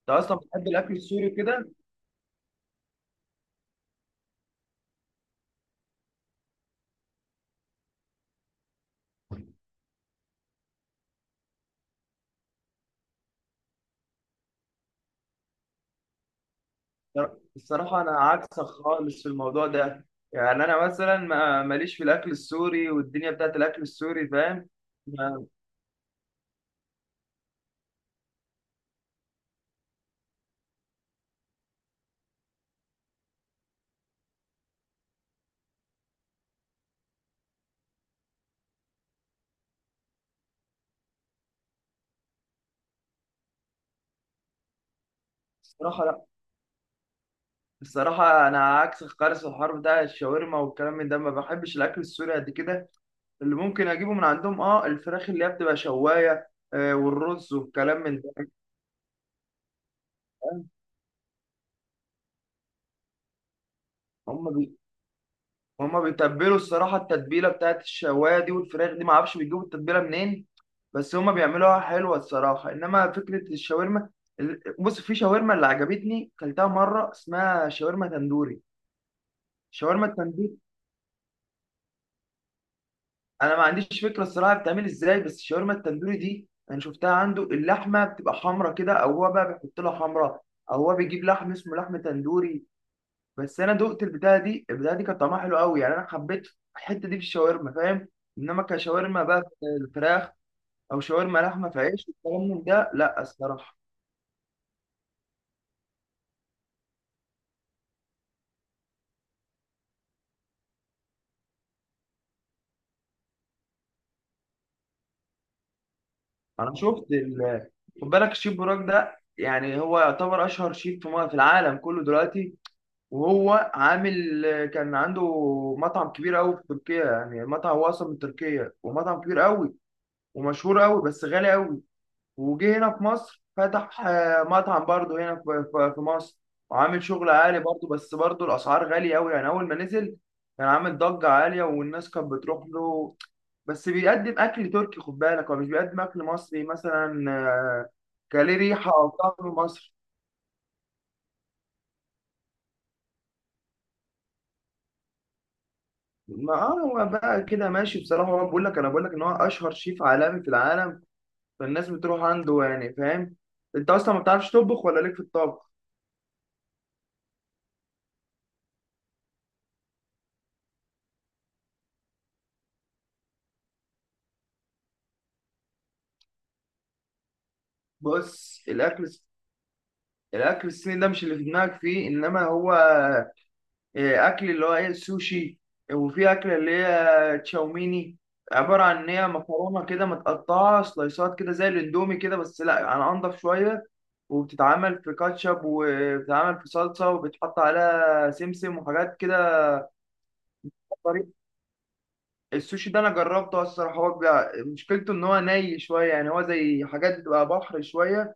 انت اصلا بتحب الاكل السوري كده؟ الصراحه، انا عكسك خالص في الموضوع ده. يعني انا مثلا ما ماليش في الاكل السوري والدنيا بتاعت الاكل السوري، فاهم؟ ما- الصراحه، لا. الصراحه، انا عكسك خالص في الحوار بتاع الشاورما والكلام من ده، ما بحبش الاكل السوري قد كده. اللي ممكن اجيبه من عندهم الفراخ اللي هي بتبقى شوايه، والرز والكلام من ده، فاهم؟ هم. وهما بيتبلوا الصراحة التتبيلة بتاعت الشواية دي والفراخ دي، معرفش بيجيبوا التتبيلة منين. بس هما بيعملوها حلوة الصراحة، إنما فكرة الشاورما، بص، في شاورما اللي عجبتني كلتها مرة اسمها شاورما تندوري. الشاورما التندوري. أنا ما عنديش فكرة الصراحة بتعمل إزاي، بس الشاورما التندوري دي أنا شفتها عنده اللحمة بتبقى حمرا كده، أو هو بقى بيحط لها حمرا. أو هو بيجيب لحم اسمه لحم تندوري. بس انا دقت البتاعه دي كانت طعمها حلو قوي، يعني انا حبيت الحته دي في الشاورما، فاهم؟ انما كشاورما بقى في الفراخ، او شاورما لحمه في عيش والكلام من ده، لا الصراحه. انا شفت. خد بالك، الشيف براك ده يعني هو يعتبر اشهر شيف في العالم كله دلوقتي. وهو عامل. كان عنده مطعم كبير قوي في تركيا، يعني مطعم هو اصلا من تركيا، ومطعم كبير قوي. ومشهور قوي، بس غالي قوي. وجه هنا في مصر، فتح مطعم برضه هنا في مصر. وعامل شغل عالي برضه، بس برضه الأسعار غالية أوي، يعني أول ما نزل كان عامل ضجة عالية، والناس كانت بتروح له. بس بيقدم أكل تركي، خد بالك، هو مش بيقدم أكل مصري مثلا، كان ليه ريحة أو طعم مصري. ما هو بقى كده ماشي بصراحة، هو بقول لك، أنا بقول لك إن هو أشهر شيف عالمي في العالم. فالناس بتروح عنده يعني، فاهم؟ أنت أصلا ما بتعرفش تطبخ ولا ليك في الطبخ؟ بص، الاكل الصيني ده مش اللي في دماغك فيه، انما هو اكل اللي هو ايه السوشي. وفي اكله اللي هي تشاوميني، عباره عن ان هي مكرونه كده متقطعه سلايسات كده زي الاندومي كده، بس لا يعني انضف شويه. وبتتعمل في كاتشب، وبتتعمل في صلصه، وبتحط عليها سمسم وحاجات كده. طريق السوشي ده انا جربته الصراحه، مشكلته ان هو ني شويه، يعني هو زي حاجات بتبقى بحر شويه،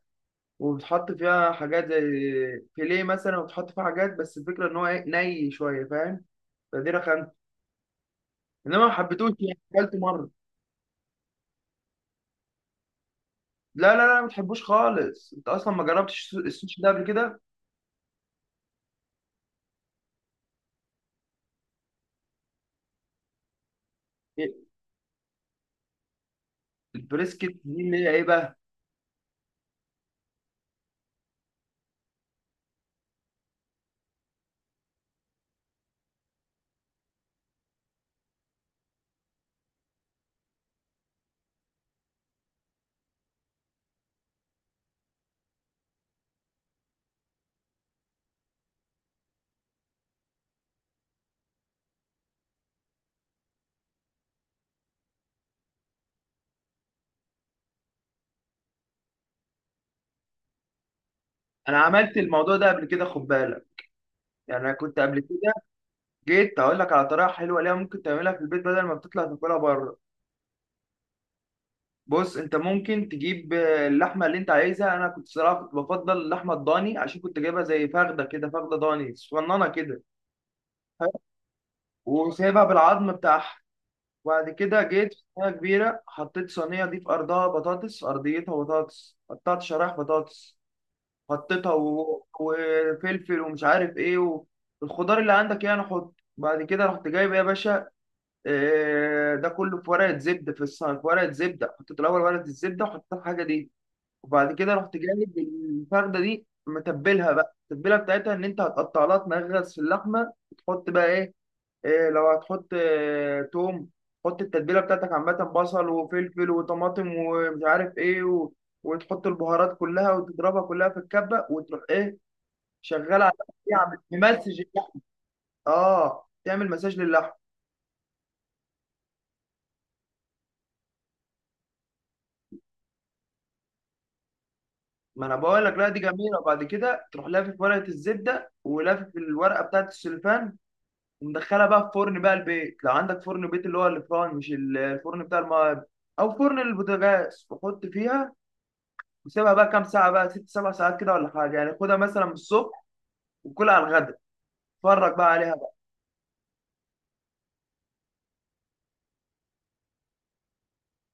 وبتحط فيها حاجات زي فيليه مثلا، وبتحط فيها حاجات، بس الفكره ان هو ني شويه، فاهم؟ فدي رخمت، انما ما حبيتوش، يعني اكلته مره. لا لا لا، ما تحبوش خالص. انت اصلا ما جربتش السوشي ده قبل كده؟ إيه، البريسكت دي اللي هي ايه بقى؟ انا عملت الموضوع ده قبل كده، خد بالك. يعني انا كنت قبل كده جيت اقول لك على طريقه حلوه ليها، ممكن تعملها في البيت بدل ما بتطلع تاكلها بره. بص، انت ممكن تجيب اللحمه اللي انت عايزها. انا كنت صراحه كنت بفضل اللحمه الضاني، عشان كنت جايبها زي فخده كده، فخده ضاني صغننه كده. وسايبها بالعظم بتاعها. وبعد كده جيت في صينية كبيرة، حطيت صينية دي في أرضها بطاطس، في أرضيتها بطاطس، قطعت شرايح بطاطس. حطيتها وفلفل ومش عارف إيه الخضار اللي عندك يعني. حط بعد كده، رحت جايب يا باشا، ده كله في ورقة زبدة. في الصينية، في ورقة زبدة، حطيت الأول ورقة الزبدة وحطيت الحاجة دي. وبعد كده رحت جايب الفردة دي، متبلها بقى التتبيلة بتاعتها، إن أنت هتقطع لها تنغرس في اللحمة، وتحط بقى إيه. إيه لو هتحط توم. حط التتبيله بتاعتك عامه، بصل وفلفل وطماطم ومش عارف ايه وتحط البهارات كلها وتضربها كلها في الكبه، وتروح ايه. شغال على، يعمل ممسج اللحم، اه تعمل مساج للحم. ما انا بقول لك، لا دي جميله. وبعد كده تروح لافف ورقه الزبده، ولافف الورقه بتاعت السلوفان. ومدخلها بقى في فرن بقى البيت، لو عندك فرن بيت، اللي هو الفرن، مش الفرن بتاع او فرن البوتاجاز، وحط فيها. وسيبها بقى كام ساعة بقى 6 7 ساعات كده ولا حاجة، يعني خدها مثلا من الصبح وكلها على الغدا. اتفرج بقى عليها بقى.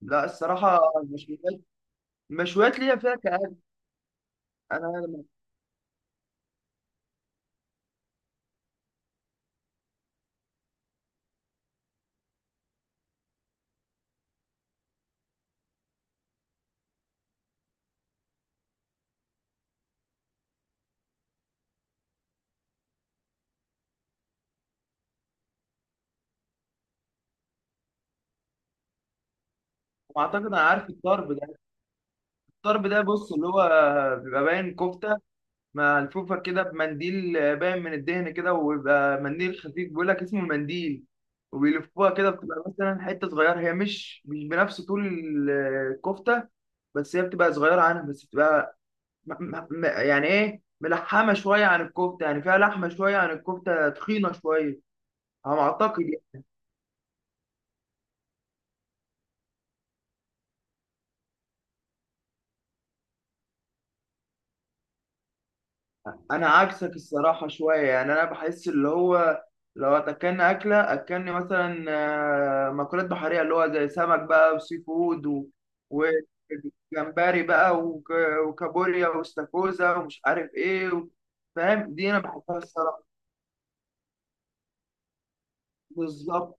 لا الصراحة، المشويات ليا فيها كآب. أنا لما- أعتقد أنا عارف الطرب ده. الطرب ده، بص اللي هو بيبقى باين كفتة ملفوفة كده بمنديل. باين من الدهن كده، وبيبقى منديل خفيف بيقول لك اسمه المنديل. وبيلفوها كده بتبقى مثلا حتة صغيرة، هي مش بنفس طول الكفتة. بس هي بتبقى صغيرة عنها، بس بتبقى يعني ايه ملحمه شويه عن الكفته، يعني فيها لحمه شويه عن الكفته، تخينه شويه على ما اعتقد يعني. انا عكسك الصراحه شويه، يعني انا بحس اللي هو، لو اكلنا اكله اكلني مثلا، مأكولات بحريه، اللي هو زي سمك بقى وسي فود وجمبري بقى وكابوريا واستاكوزا ومش عارف ايه فاهم؟ دي انا بحبها الصراحه، بالظبط.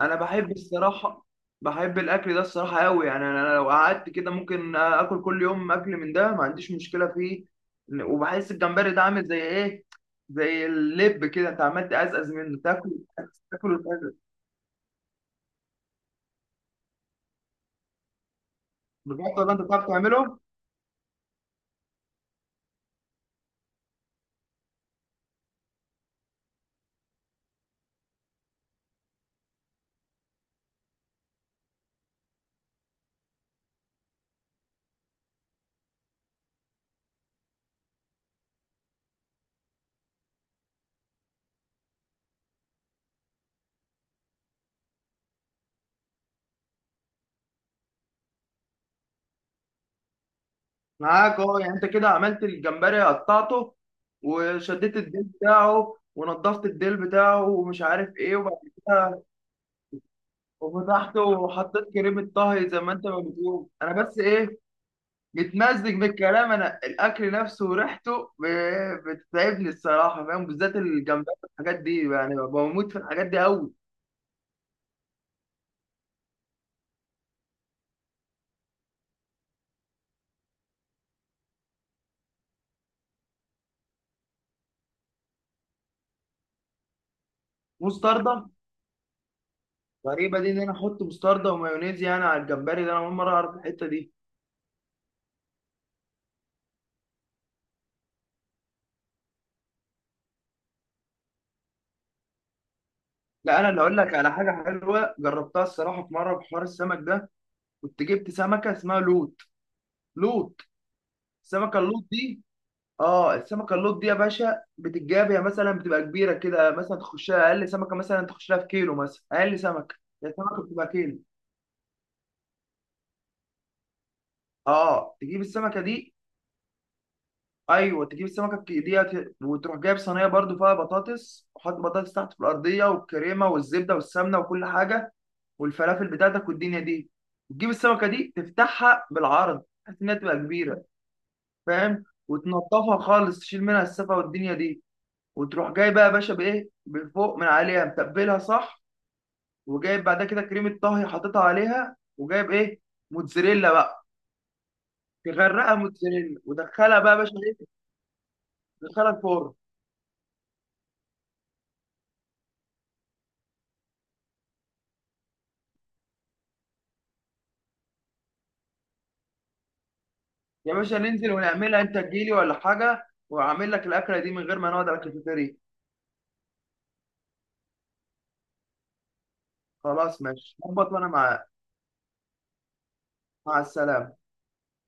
انا بحب، الصراحه، بحب الاكل ده الصراحه قوي، يعني أنا لو قعدت كده ممكن اكل كل يوم، اكل من ده، ما عنديش مشكله فيه. وبحس الجمبري ده عامل زي ايه، زي اللب كده، انت عمال تقزقز منه تاكل تاكل وتقزقز. بجد ولا انت بتعرف تعمله؟ معاك، اه، يعني انت كده عملت الجمبري قطعته. وشديت الديل بتاعه، ونضفت الديل بتاعه، ومش عارف ايه، وبعد كده. وفتحته وحطيت كريمه طهي، زي ما انت ما بتقول انا، بس ايه، بتمزج بالكلام، انا الاكل نفسه وريحته بتتعبني الصراحه، فاهم؟ بالذات الجمبري والحاجات دي، يعني بموت في الحاجات دي قوي. مستردة؟ غريبه دي، ان انا احط مستردة ومايونيز يعني على الجمبري ده، انا اول مره اعرف الحته دي. لا، انا اللي اقول لك على حاجه حلوه جربتها الصراحه، في مره في حوار السمك ده. كنت جبت سمكه اسمها لوت. لوت. السمكه اللوت دي. اه السمكه اللوت دي يا باشا، بتتجاب يا مثلا بتبقى كبيره كده، مثلا تخشها اقل سمكه، مثلا تخش لها في كيلو، مثلا اقل سمكه. هي السمكه بتبقى كيلو. اه، تجيب السمكه دي، ايوه، تجيب السمكه ديت. وتروح جايب صينيه برضو فيها بطاطس، وحط بطاطس تحت في الارضيه، والكريمه والزبده والسمنه وكل حاجه. والفلافل بتاعتك والدنيا دي، وتجيب السمكه دي تفتحها بالعرض بحيث انها تبقى كبيره، فاهم؟ وتنضفها خالص، تشيل منها السفه والدنيا دي. وتروح جاي بقى يا باشا بايه بفوق من عليها، متبلها صح. وجايب بعد كده كريمه طهي حاططها عليها، وجايب ايه، موتزاريلا بقى، تغرقها موتزاريلا، ودخلها بقى يا باشا ايه، تدخلها الفرن. يا باشا، ننزل ونعملها، انت تجيلي ولا حاجه واعمل لك الاكله دي من غير ما نقعد على الكافيتيريا. خلاص ماشي ظبط، وانا معاك. مع السلامه.